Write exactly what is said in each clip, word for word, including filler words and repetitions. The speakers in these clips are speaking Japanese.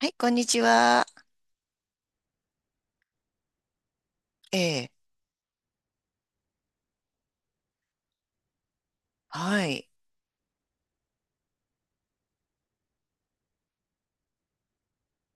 はい、こんにちは。ええ、はい、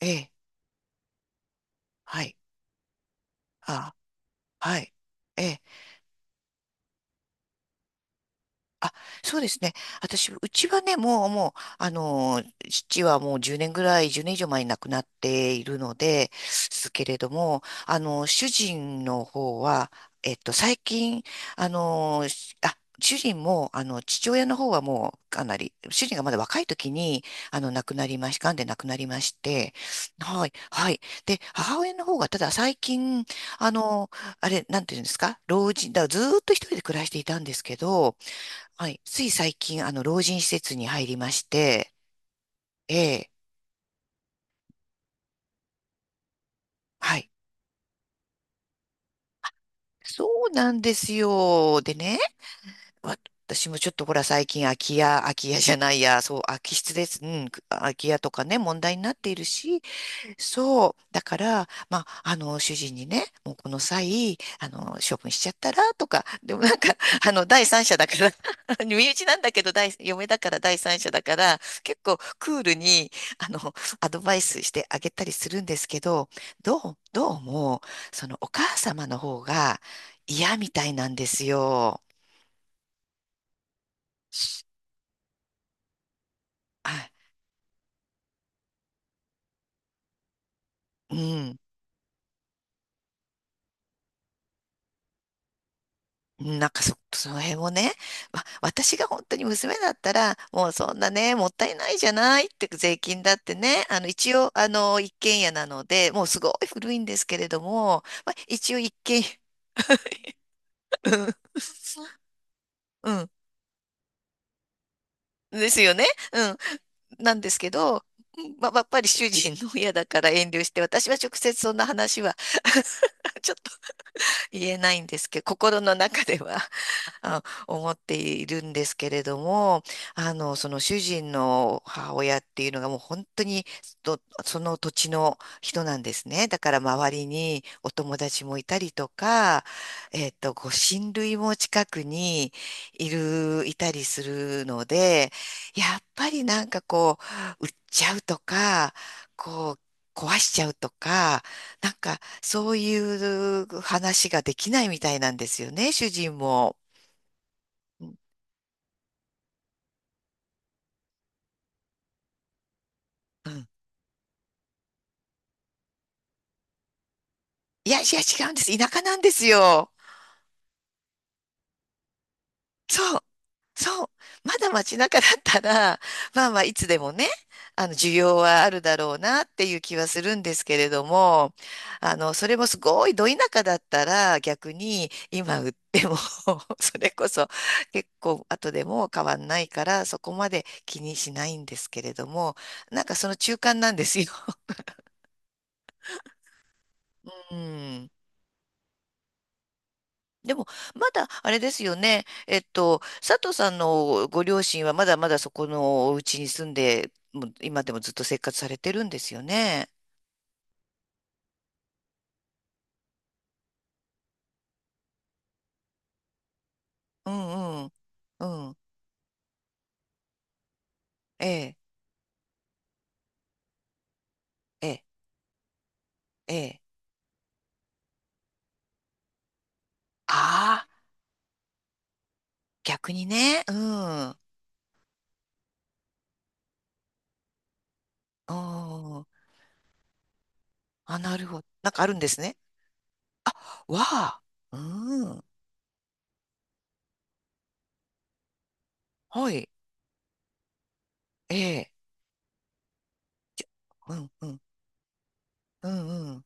ええ、はい、あ、はい、ええ、あ、そうですね。私、うちはね、もう、もう、あの、父はもうじゅうねんぐらい、じゅうねん以上前に亡くなっているので、すけれども、あの、主人の方は、えっと、最近、あの、しあ、主人も、あの、父親の方はもう、かなり、主人がまだ若い時に、あの、亡くなりまし、癌で亡くなりまして、はい、はい。で、母親の方が、ただ最近、あの、あれ、なんていうんですか、老人、だからずーっと一人で暮らしていたんですけど、はい。つい最近、あの、老人施設に入りまして、ええ、はい。そうなんですよ。でね、わ私もちょっとほら、最近空き家、空き家じゃないや、そう、空き室です。うん、空き家とかね、問題になっているし、そう。だから、まあ、あの、主人にね、もうこの際、あの、処分しちゃったら、とか、でもなんか、あの、第三者だから 身内なんだけど、第、嫁だから第三者だから、結構クールに、あの、アドバイスしてあげたりするんですけど、どう、どうも、その、お母様の方が嫌みたいなんですよ。あ、うん。うんなんかそ、その辺もね、わ私が本当に娘だったら、もうそんなね、もったいないじゃないって、税金だってね、あの、一応、あの、一軒家なので、もうすごい古いんですけれども、まあ、一応一軒家、うん、うんですよね。うん、なんですけど、うんまあ、やっぱり主人の親だから遠慮して、私は直接そんな話は ちょっと言えないんですけど、心の中ではあ思っているんですけれども、あの、その主人の母親っていうのがもう本当にとその土地の人なんですね。だから周りにお友達もいたりとか、えっと、ご親類も近くにいる、いたりするので、やっぱりなんかこう、売っちゃうとか、こう、壊しちゃうとか、なんかそういう話ができないみたいなんですよね、主人も。うんうん。いやいや、違うんです。田舎なんですよ。そう。そう。まだ街中だったら、まあまあいつでもね、あの需要はあるだろうなっていう気はするんですけれども、あの、それもすごいど田舎だったら逆に今売っても それこそ結構後でも変わんないからそこまで気にしないんですけれども、なんかその中間なんですよ。うん。でも、まだ、あれですよね。えっと、佐藤さんのご両親はまだまだそこのお家に住んで、もう今でもずっと生活されてるんですよね。うんうん。うん。ええ、ええ、ええ。ああ、逆にね。うん。うん。あ、なるほど。なんかあるんですね。わあ。うん。はい。ええ。うんうん。うんうん。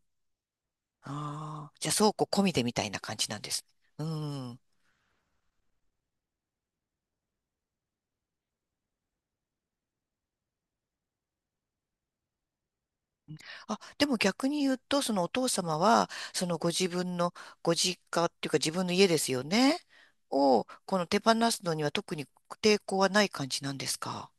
ああ。じゃあ、倉庫込みでみたいな感じなんです。うん。あ、でも逆に言うと、そのお父様は、そのご自分のご実家っていうか自分の家ですよね。を、この手放すのには特に抵抗はない感じなんですか？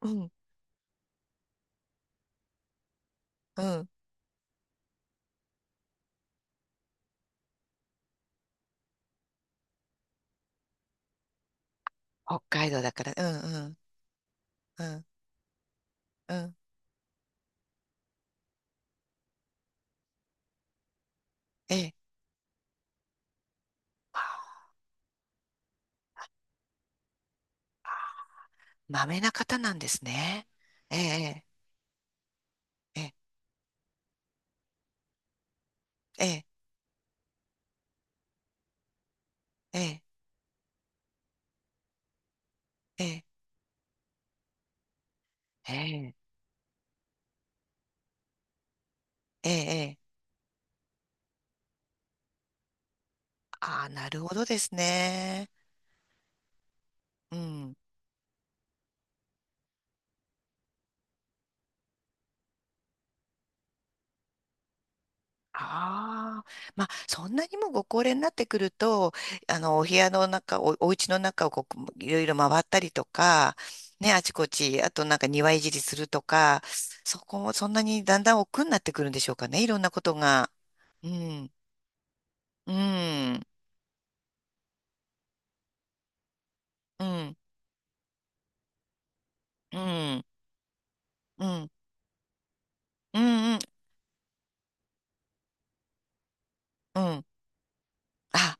うん、うん。北海道だから、うん、うん、うん、うん。ええ。まあまあまめな方なんですね。ええ、ええ、ええ、ええ、ええ、ええ、ええ。ええ、ああ、なるほどですね。うん。ああ、まあ、そんなにもご高齢になってくると、あの、お部屋の中、お、お家の中をこう、いろいろ回ったりとか、ね、あちこち、あとなんか庭いじりするとか、そこもそんなにだんだん億劫になってくるんでしょうかね、いろんなことが。うん、うん、うん、うん、うん、うん、うん。うん。あ、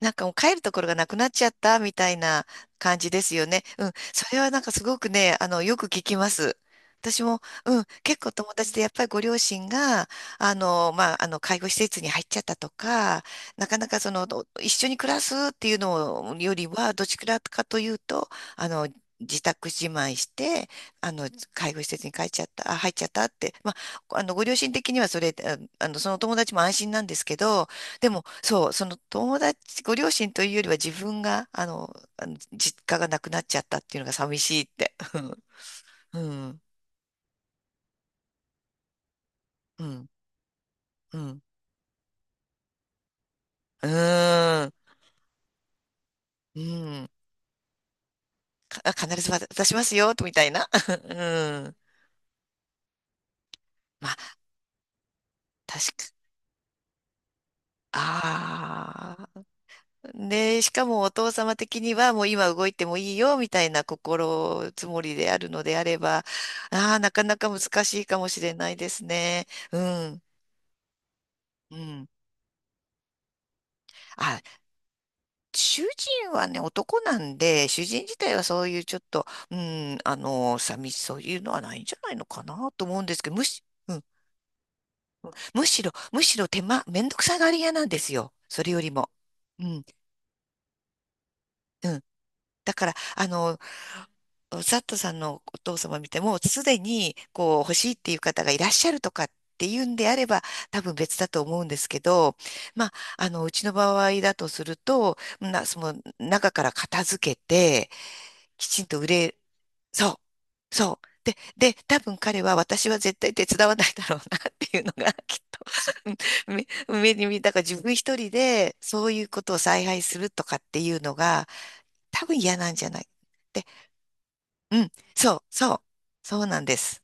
なんかもう帰るところがなくなっちゃったみたいな感じですよね。うん。それはなんかすごくね、あの、よく聞きます。私も、うん、結構友達でやっぱりご両親が、あの、まあ、あの、介護施設に入っちゃったとか、なかなかその、ど一緒に暮らすっていうのよりは、どちらかというと、あの、自宅自慢して、あの、介護施設に帰っちゃった、あ、入っちゃったって、まあ、あの、ご両親的にはそれ、ああの、そのお友達も安心なんですけど、でも、そう、その友達、ご両親というよりは自分が、あの、あの実家がなくなっちゃったっていうのが寂しいって。うん、うん、うん、うん、うーん、うんか必ず渡しますよ、みたいな。うん。まあ、確か、ああ。で、しかもお父様的にはもう今動いてもいいよ、みたいな心積もりであるのであれば、ああ、なかなか難しいかもしれないですね。うん、うん。あ、主人はね、男なんで、主人自体はそういうちょっと、うん、あの、寂しそういうのはないんじゃないのかなと思うんですけど、むし、うん、むしろ、むしろ手間、めんどくさがり屋なんですよ。それよりも。うん、うん。だから、あの、サットさんのお父様見ても、すでに、こう、欲しいっていう方がいらっしゃるとかっていうんであれば、多分別だと思うんですけど、まあ、あの、うちの場合だとすると、な、その、中から片付けて、きちんと売れそう。そう。で、で、多分彼は私は絶対手伝わないだろうなっていうのが きっとうん目、目に見え、だから自分一人でそういうことを采配するとかっていうのが多分嫌なんじゃない。で、うん、そう、そう、そうなんです。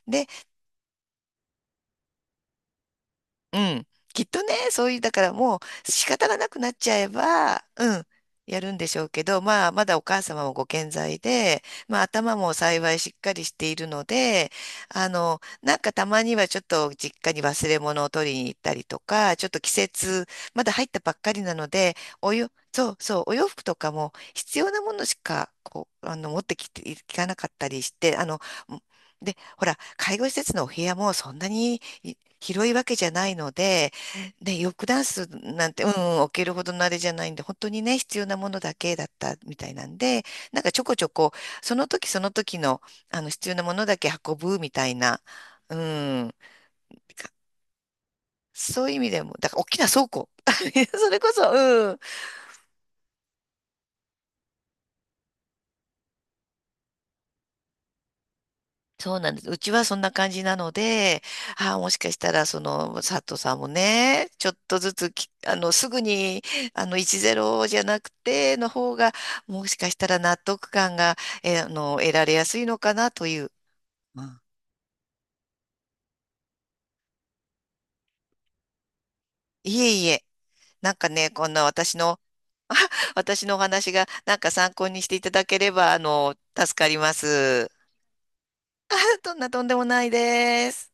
で、うん。きっとね、そういう、だからもう仕方がなくなっちゃえば、うん、やるんでしょうけど、まあ、まだお母様もご健在で、まあ、頭も幸いしっかりしているので、あの、なんかたまにはちょっと実家に忘れ物を取りに行ったりとか、ちょっと季節、まだ入ったばっかりなので、およ、そうそう、お洋服とかも必要なものしか、こう、あの、持ってきていかなかったりして、あの、で、ほら、介護施設のお部屋もそんなに広いわけじゃないので、ね、ヨックダンスなんて、うん、置けるほどのあれじゃないんで、本当にね、必要なものだけだったみたいなんで、なんかちょこちょこ、その時その時の、あの、必要なものだけ運ぶみたいな、うん、そういう意味でも、だから大きな倉庫。それこそ、うん、そうなんです。うちはそんな感じなので、ああ、もしかしたら、その、佐藤さんもね、ちょっとずつき、あの、すぐに、あの、いちぜろじゃなくて、の方が、もしかしたら納得感が、えあの、得られやすいのかなという。うん。いえいえ、なんかね、こんな私の、あ私のお話が、なんか参考にしていただければ、あの、助かります。あ、どんなとんでもないです。